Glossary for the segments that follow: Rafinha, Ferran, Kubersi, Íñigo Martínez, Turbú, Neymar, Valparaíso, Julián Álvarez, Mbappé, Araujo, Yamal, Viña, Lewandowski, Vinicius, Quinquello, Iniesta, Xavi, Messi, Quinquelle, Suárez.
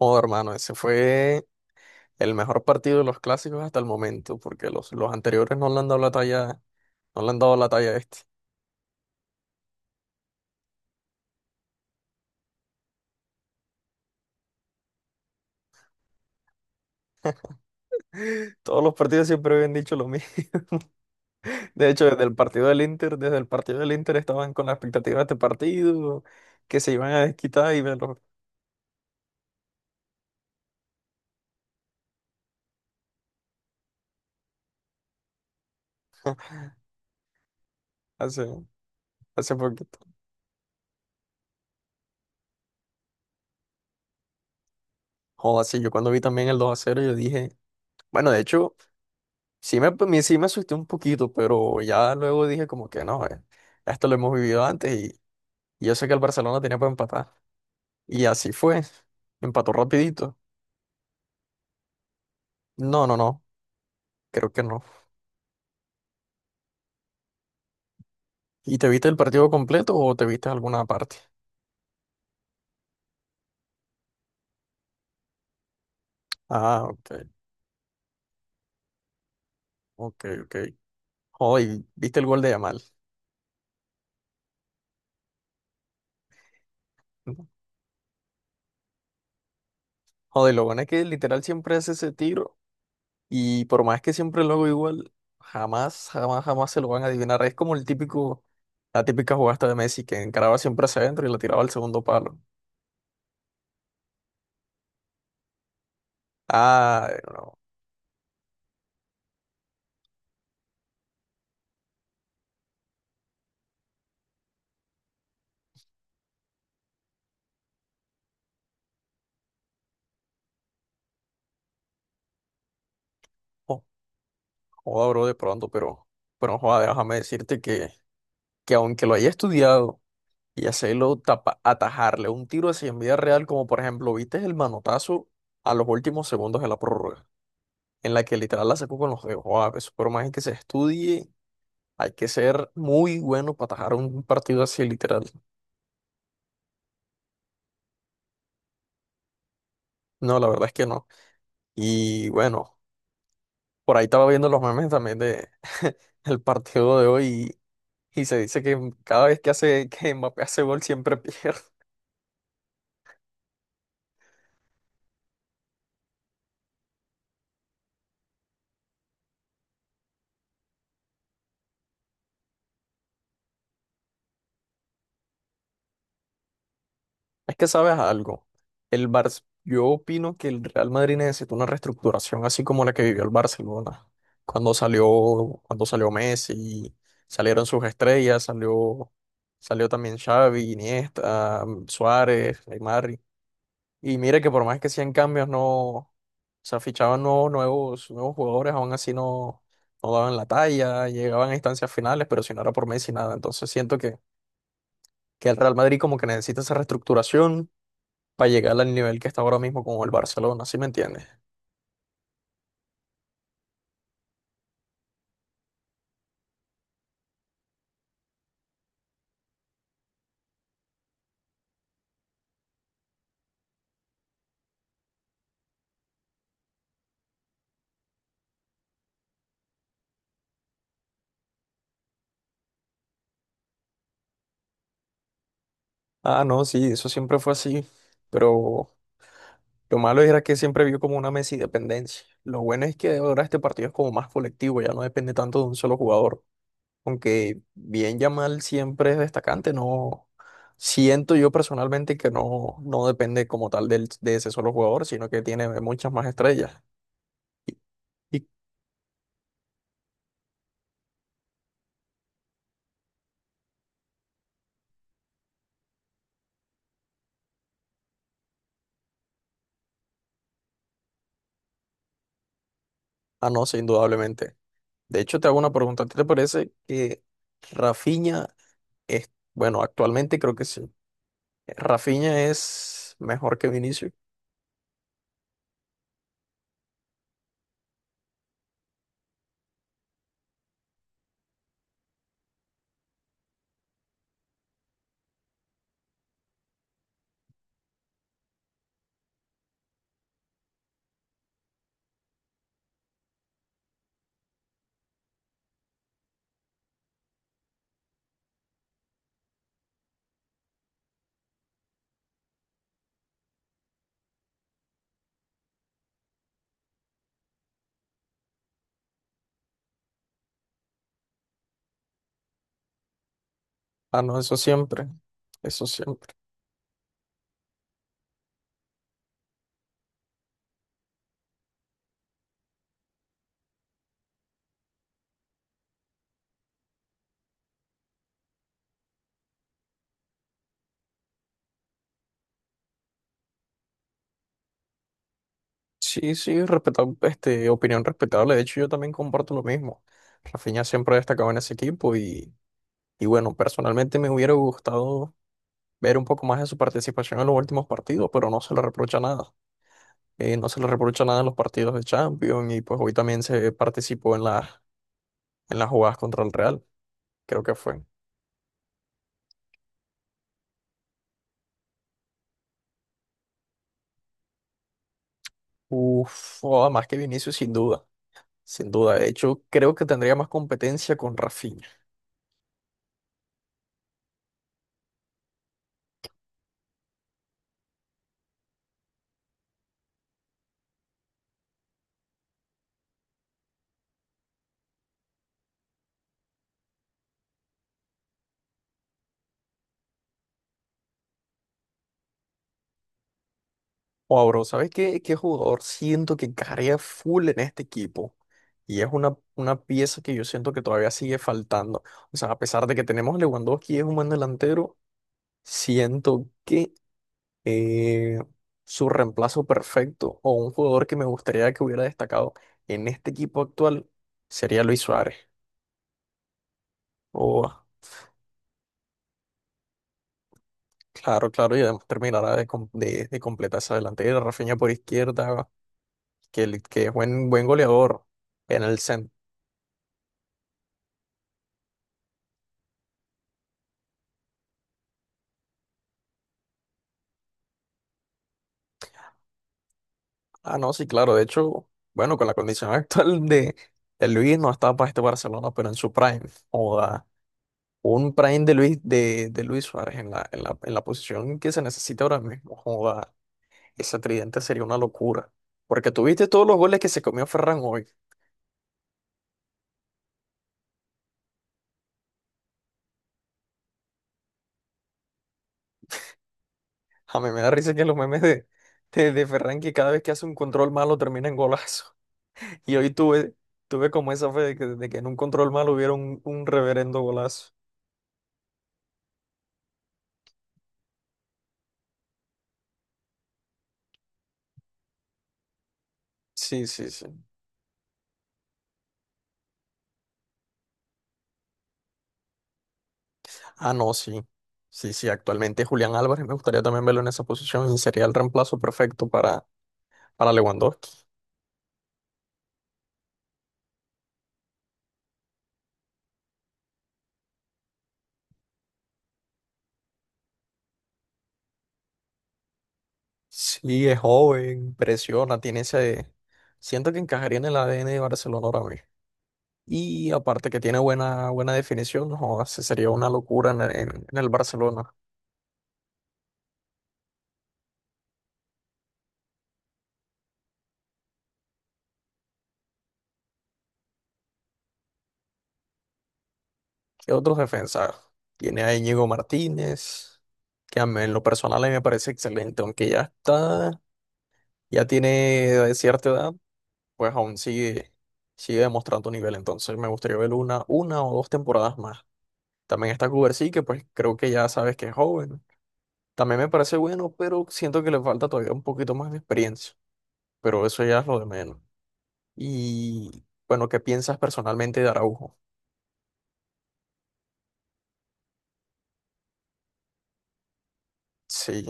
Oh, hermano, ese fue el mejor partido de los clásicos hasta el momento, porque los anteriores no le han dado la talla, no le han dado la talla a este. Todos los partidos siempre habían dicho lo mismo. De hecho, desde el partido del Inter, desde el partido del Inter estaban con la expectativa de este partido, que se iban a desquitar y verlo hace, hace poquito. Joder, sí, yo cuando vi también el 2 a cero, yo dije, bueno, de hecho, sí me asusté un poquito, pero ya luego dije como que no, esto lo hemos vivido antes y yo sé que el Barcelona tenía para empatar. Y así fue. Empató rapidito. No, no, no. Creo que no. ¿Y te viste el partido completo o te viste alguna parte? Ah, ok. Ok, ok. Joder, ¿viste el gol de Yamal? No. Joder, lo bueno es que literal siempre hace ese tiro y por más que siempre lo hago igual, jamás, jamás, jamás se lo van a adivinar. Es como el típico, la típica jugada esta de Messi que encaraba siempre hacia adentro y la tiraba al segundo palo. Ah, no. Jo- Joda, bro, de pronto, pero joda, déjame decirte que aunque lo haya estudiado, y hacerlo atajarle un tiro así en vida real, como por ejemplo, ¿viste el manotazo a los últimos segundos de la prórroga? En la que literal la sacó con los dedos. Wow, eso por más que se estudie, hay que ser muy bueno para atajar un partido así literal. No, la verdad es que no. Y bueno, por ahí estaba viendo los memes también de el partido de hoy y se dice que cada vez que hace que Mbappé hace gol siempre pierde. Es que sabes algo, el Bar yo opino que el Real Madrid necesita una reestructuración así como la que vivió el Barcelona. Cuando salió Messi, salieron sus estrellas, salió, salió también Xavi, Iniesta, Suárez, Neymar. Y mire que por más que sean cambios, no, o sea, fichaban nuevos nuevos jugadores, aún así no, no daban la talla, llegaban a instancias finales, pero si no era por Messi, nada. Entonces siento que el Real Madrid como que necesita esa reestructuración para llegar al nivel que está ahora mismo con el Barcelona, ¿sí me entiendes? Ah, no, sí, eso siempre fue así, pero lo malo era que siempre vio como una Messi dependencia. Lo bueno es que ahora este partido es como más colectivo, ya no depende tanto de un solo jugador, aunque bien Yamal siempre es destacante, no siento yo personalmente que no, no depende como tal del, de ese solo jugador, sino que tiene muchas más estrellas. Y, y- ah, no, sí, indudablemente. De hecho, te hago una pregunta, ¿a ti te parece que... Rafinha es, bueno, actualmente creo que sí. Rafinha es mejor que Vinicius. Ah, no, eso siempre. Eso siempre. Sí, este, opinión respetable. De hecho, yo también comparto lo mismo. Rafinha siempre ha destacado en ese equipo y bueno, personalmente me hubiera gustado ver un poco más de su participación en los últimos partidos, pero no se le reprocha nada. No se le reprocha nada en los partidos de Champions y pues hoy también se participó en la, en las jugadas contra el Real, creo que fue. Uf, oh, más que Vinicius sin duda. Sin duda, de hecho, creo que tendría más competencia con Rafinha. O bro, ¿sabes qué, qué jugador siento que encajaría full en este equipo? Y es una pieza que yo siento que todavía sigue faltando. O sea, a pesar de que tenemos a Lewandowski, es un buen delantero, siento que eh, su reemplazo perfecto o un jugador que me gustaría que hubiera destacado en este equipo actual sería Luis Suárez. O claro, claro, y además terminará de, de completar esa delantera. Rafinha por izquierda, que, que es buen, buen goleador en el centro. Ah, no, sí, claro. De hecho, bueno, con la condición actual de Luis no estaba para este Barcelona, pero en su prime. O un prime de Luis Suárez en la, en la, en la posición que se necesita ahora mismo. Joda, ese tridente sería una locura. Porque tuviste todos los goles que se comió Ferran hoy. A mí me da risa que los memes de Ferran que cada vez que hace un control malo termina en golazo. Y hoy tuve, tuve como esa fe de que en un control malo hubiera un reverendo golazo. Sí, sí, sí. Ah, no, sí. Sí, sí, actualmente Julián Álvarez me gustaría también verlo en esa posición. Sería el reemplazo perfecto para Lewandowski. Sí, es joven, presiona, tiene ese... Siento que encajaría en el ADN de Barcelona ahora mismo. Y aparte que tiene buena, buena definición, no, ese sería una locura en, en el Barcelona. ¿Qué otros defensas? Tiene a Íñigo Martínez, que a mí en lo personal a mí me parece excelente, aunque ya está, ya tiene de cierta edad, pues aún sigue, sigue demostrando nivel. Entonces me gustaría ver una o dos temporadas más. También está Kubersi, que pues creo que ya sabes que es joven. También me parece bueno, pero siento que le falta todavía un poquito más de experiencia. Pero eso ya es lo de menos. Y bueno, ¿qué piensas personalmente de Araujo? Sí,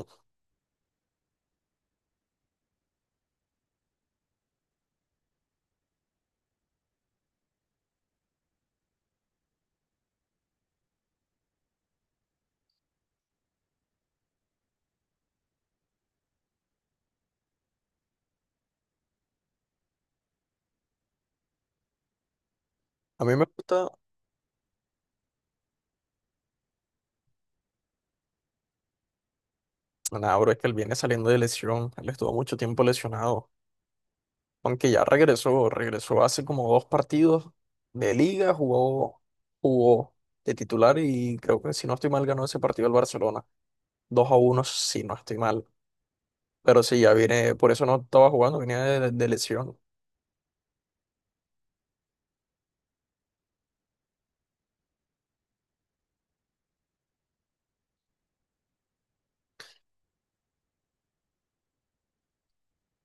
a mí me gusta, nada, bro, es que él viene saliendo de lesión. Él estuvo mucho tiempo lesionado. Aunque ya regresó, regresó hace como dos partidos de liga, jugó, jugó de titular y creo que si no estoy mal ganó ese partido el Barcelona. Dos a uno si no estoy mal. Pero sí, ya viene, por eso no estaba jugando, venía de lesión.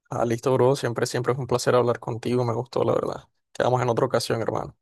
Ah, listo, bro, siempre, siempre es un placer hablar contigo, me gustó, la verdad. Quedamos en otra ocasión, hermano.